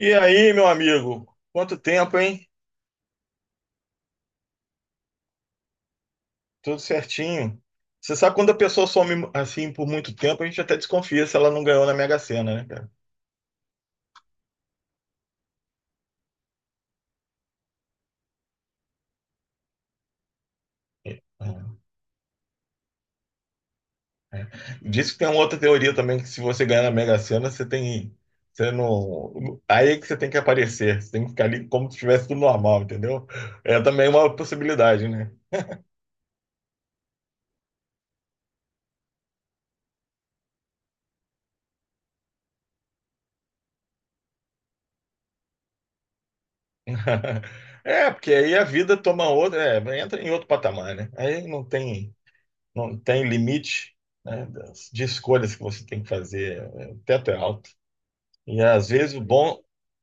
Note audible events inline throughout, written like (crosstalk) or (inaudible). E aí, meu amigo? Quanto tempo, hein? Tudo certinho. Você sabe quando a pessoa some assim por muito tempo, a gente até desconfia se ela não ganhou na Mega Sena, né, cara? É. Diz que tem uma outra teoria também, que se você ganhar na Mega Sena, você tem. Você não. Aí é que você tem que aparecer. Você tem que ficar ali como se estivesse tudo normal, entendeu? É também uma possibilidade, né? (laughs) É, porque aí a vida toma outra. Entra em outro patamar, né? Aí não tem limite, né, de escolhas que você tem que fazer. O teto é alto. E às vezes o bom,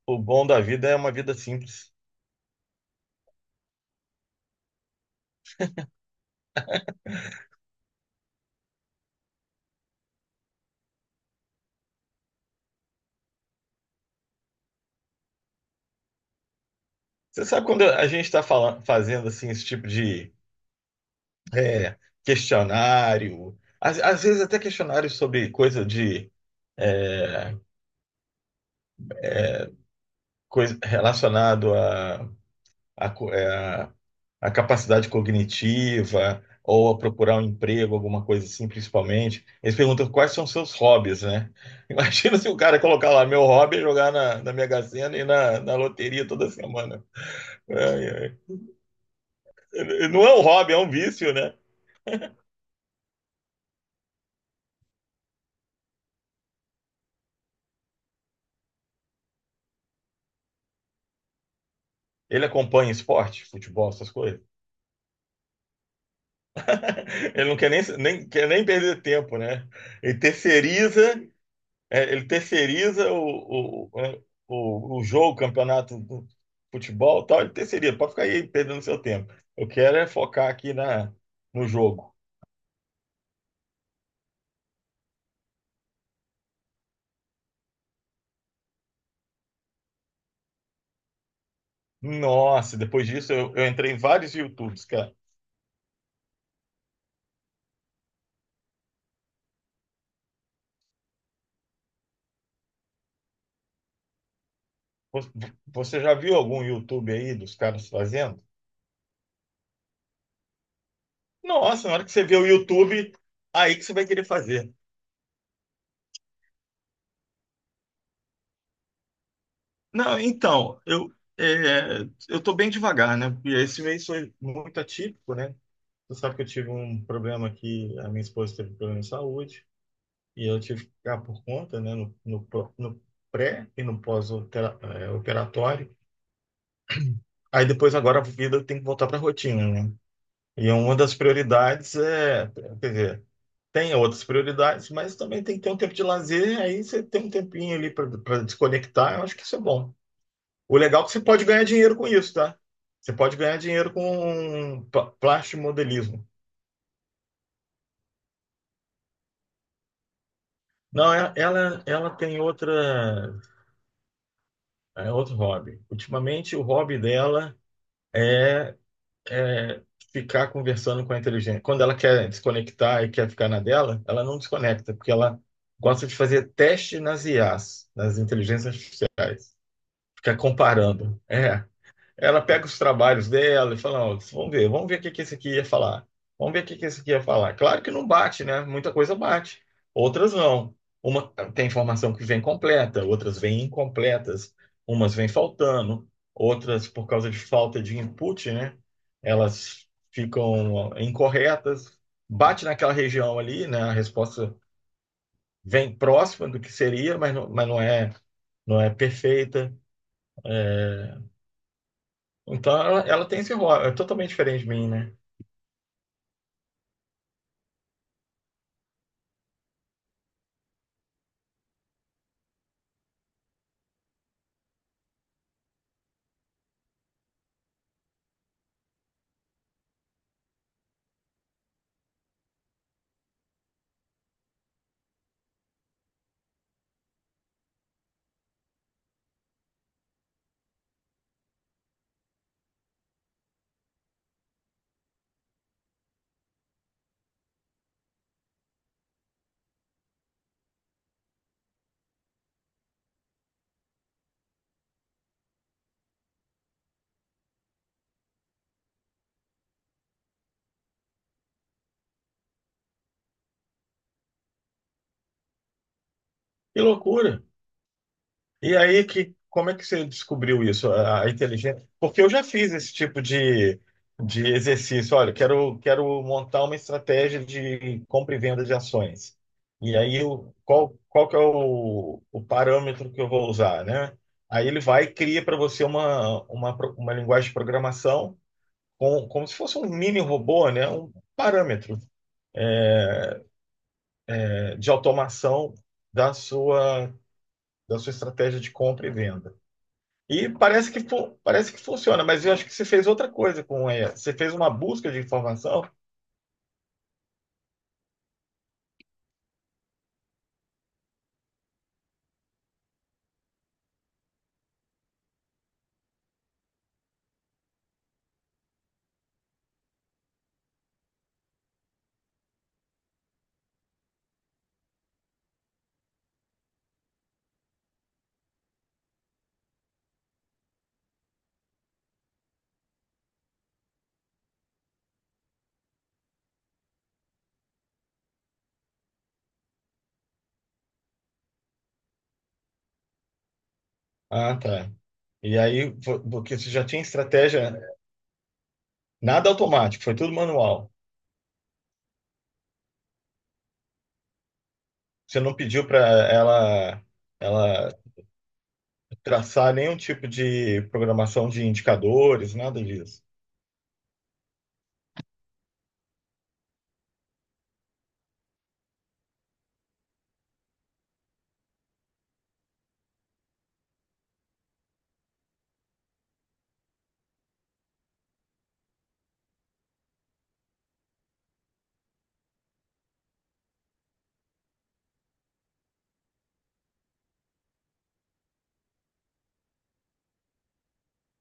o bom da vida é uma vida simples. Você sabe quando a gente está fazendo assim esse tipo de é, questionário, às vezes até questionário sobre coisa relacionado a, a capacidade cognitiva ou a procurar um emprego, alguma coisa assim, principalmente. Eles perguntam quais são seus hobbies, né? (laughs) Imagina se o cara colocar lá, meu hobby é jogar na Mega Sena e na loteria toda semana. Ai, ai. Não é um hobby, é um vício, né? Ele acompanha esporte, futebol, essas coisas. (laughs) Ele não quer nem, quer nem perder tempo, né? Ele terceiriza, ele terceiriza o jogo, o campeonato do futebol, e tal, ele terceiriza, pode ficar aí perdendo seu tempo. Eu quero é focar aqui no jogo. Nossa, depois disso eu entrei em vários YouTubes, cara. Vo- Você já viu algum YouTube aí dos caras fazendo? Nossa, na hora que você vê o YouTube, aí que você vai querer fazer. Não, então, é, eu tô bem devagar, né? Porque esse mês foi muito atípico, né? Você sabe que eu tive um problema que a minha esposa teve problema de saúde e eu tive que ficar por conta, né, no pré e no pós-operatório. Aí depois agora a vida tem que voltar para a rotina, né? E uma das prioridades quer dizer, tem outras prioridades, mas também tem que ter um tempo de lazer, aí você tem um tempinho ali para desconectar, eu acho que isso é bom. O legal é que você pode ganhar dinheiro com isso, tá? Você pode ganhar dinheiro com plástica modelismo. Não, ela tem outra. É outro hobby. Ultimamente, o hobby dela é, é ficar conversando com a inteligência. Quando ela quer desconectar e quer ficar na dela, ela não desconecta, porque ela gosta de fazer teste nas IAs, nas inteligências artificiais. Ficar comparando. É. Ela pega os trabalhos dela e fala, "Ó, vamos ver o que que esse aqui ia falar. Vamos ver o que que esse aqui ia falar." Claro que não bate, né? Muita coisa bate, outras não. Uma tem informação que vem completa, outras vêm incompletas, umas vêm faltando, outras por causa de falta de input, né? Elas ficam incorretas. Bate naquela região ali, né? A resposta vem próxima do que seria, mas não é perfeita. É, Então ela tem esse rol, é totalmente diferente de mim, né? Que loucura! E aí, como é que você descobriu isso, a inteligência? Porque eu já fiz esse tipo de exercício. Olha, quero montar uma estratégia de compra e venda de ações. E aí, qual que é o parâmetro que eu vou usar, né? Aí ele vai e cria para você uma linguagem de programação como se fosse um mini robô, né? Um parâmetro, né, de automação da sua, da sua estratégia de compra e venda. E parece que funciona, mas eu acho que você fez outra coisa com ela. Você fez uma busca de informação. Ah, tá. E aí, porque você já tinha estratégia, nada automático, foi tudo manual. Você não pediu para ela, ela traçar nenhum tipo de programação de indicadores, nada disso.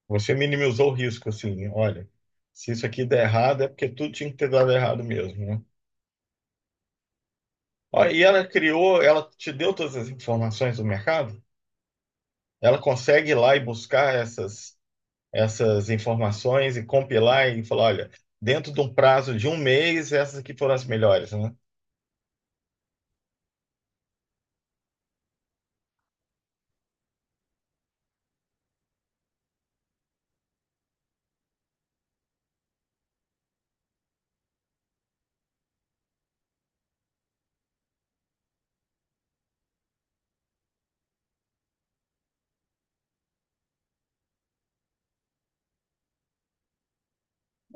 Você minimizou o risco, assim, olha, se isso aqui der errado, é porque tudo tinha que ter dado errado mesmo, né? Ó, e ela criou, ela te deu todas as informações do mercado? Ela consegue ir lá e buscar essas informações e compilar e falar, olha, dentro de um prazo de um mês, essas aqui foram as melhores, né?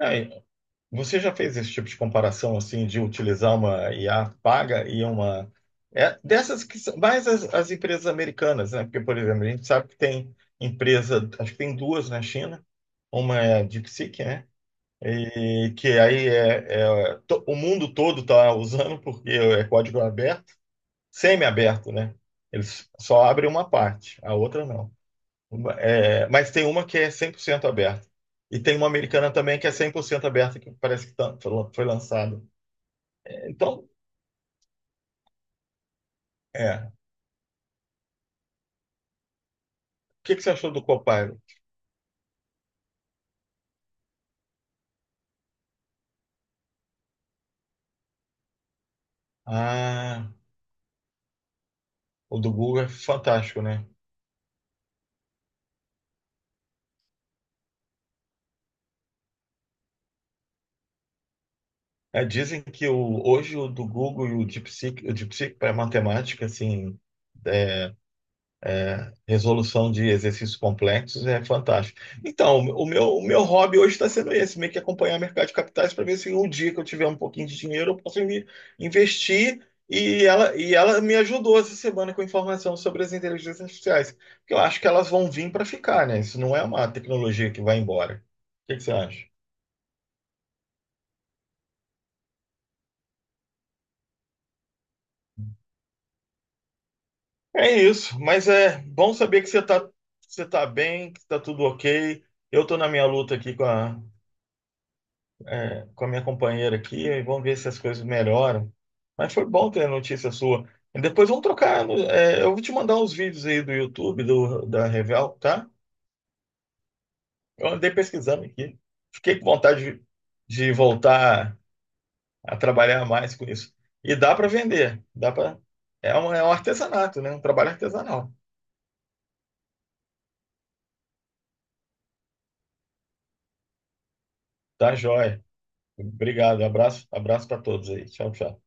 Aí, você já fez esse tipo de comparação assim de utilizar uma IA paga e uma, dessas que são mais as empresas americanas, né? Porque, por exemplo, a gente sabe que tem empresa, acho que tem duas na China, uma é a DeepSeek, né? E que aí o mundo todo está usando porque é código aberto. Semi-aberto, né? Eles só abrem uma parte, a outra não. É, mas tem uma que é 100% aberta. E tem uma americana também que é 100% aberta, que parece que foi lançada. Então, é. O que que você achou do Copilot? Ah, o do Google é fantástico, né? É, dizem que hoje o do Google e o DeepSeek, para matemática, assim, é, resolução de exercícios complexos é fantástico. Então, o meu hobby hoje está sendo esse, meio que acompanhar o mercado de capitais para ver se um dia que eu tiver um pouquinho de dinheiro eu posso me investir. E ela me ajudou essa semana com informação sobre as inteligências artificiais, porque eu acho que elas vão vir para ficar, né? Isso não é uma tecnologia que vai embora. O que que você acha? É isso, mas é bom saber que você tá bem, que está tudo ok. Eu estou na minha luta aqui com a minha companheira aqui e vamos ver se as coisas melhoram. Mas foi bom ter a notícia sua. E depois vamos trocar. Eu vou te mandar uns vídeos aí do YouTube, da Revel, tá? Eu andei pesquisando aqui. Fiquei com vontade de voltar a trabalhar mais com isso. E dá para vender, dá para. É um artesanato, né? Um trabalho artesanal. Tá, joia. Obrigado. Abraço, abraço para todos aí. Tchau, tchau.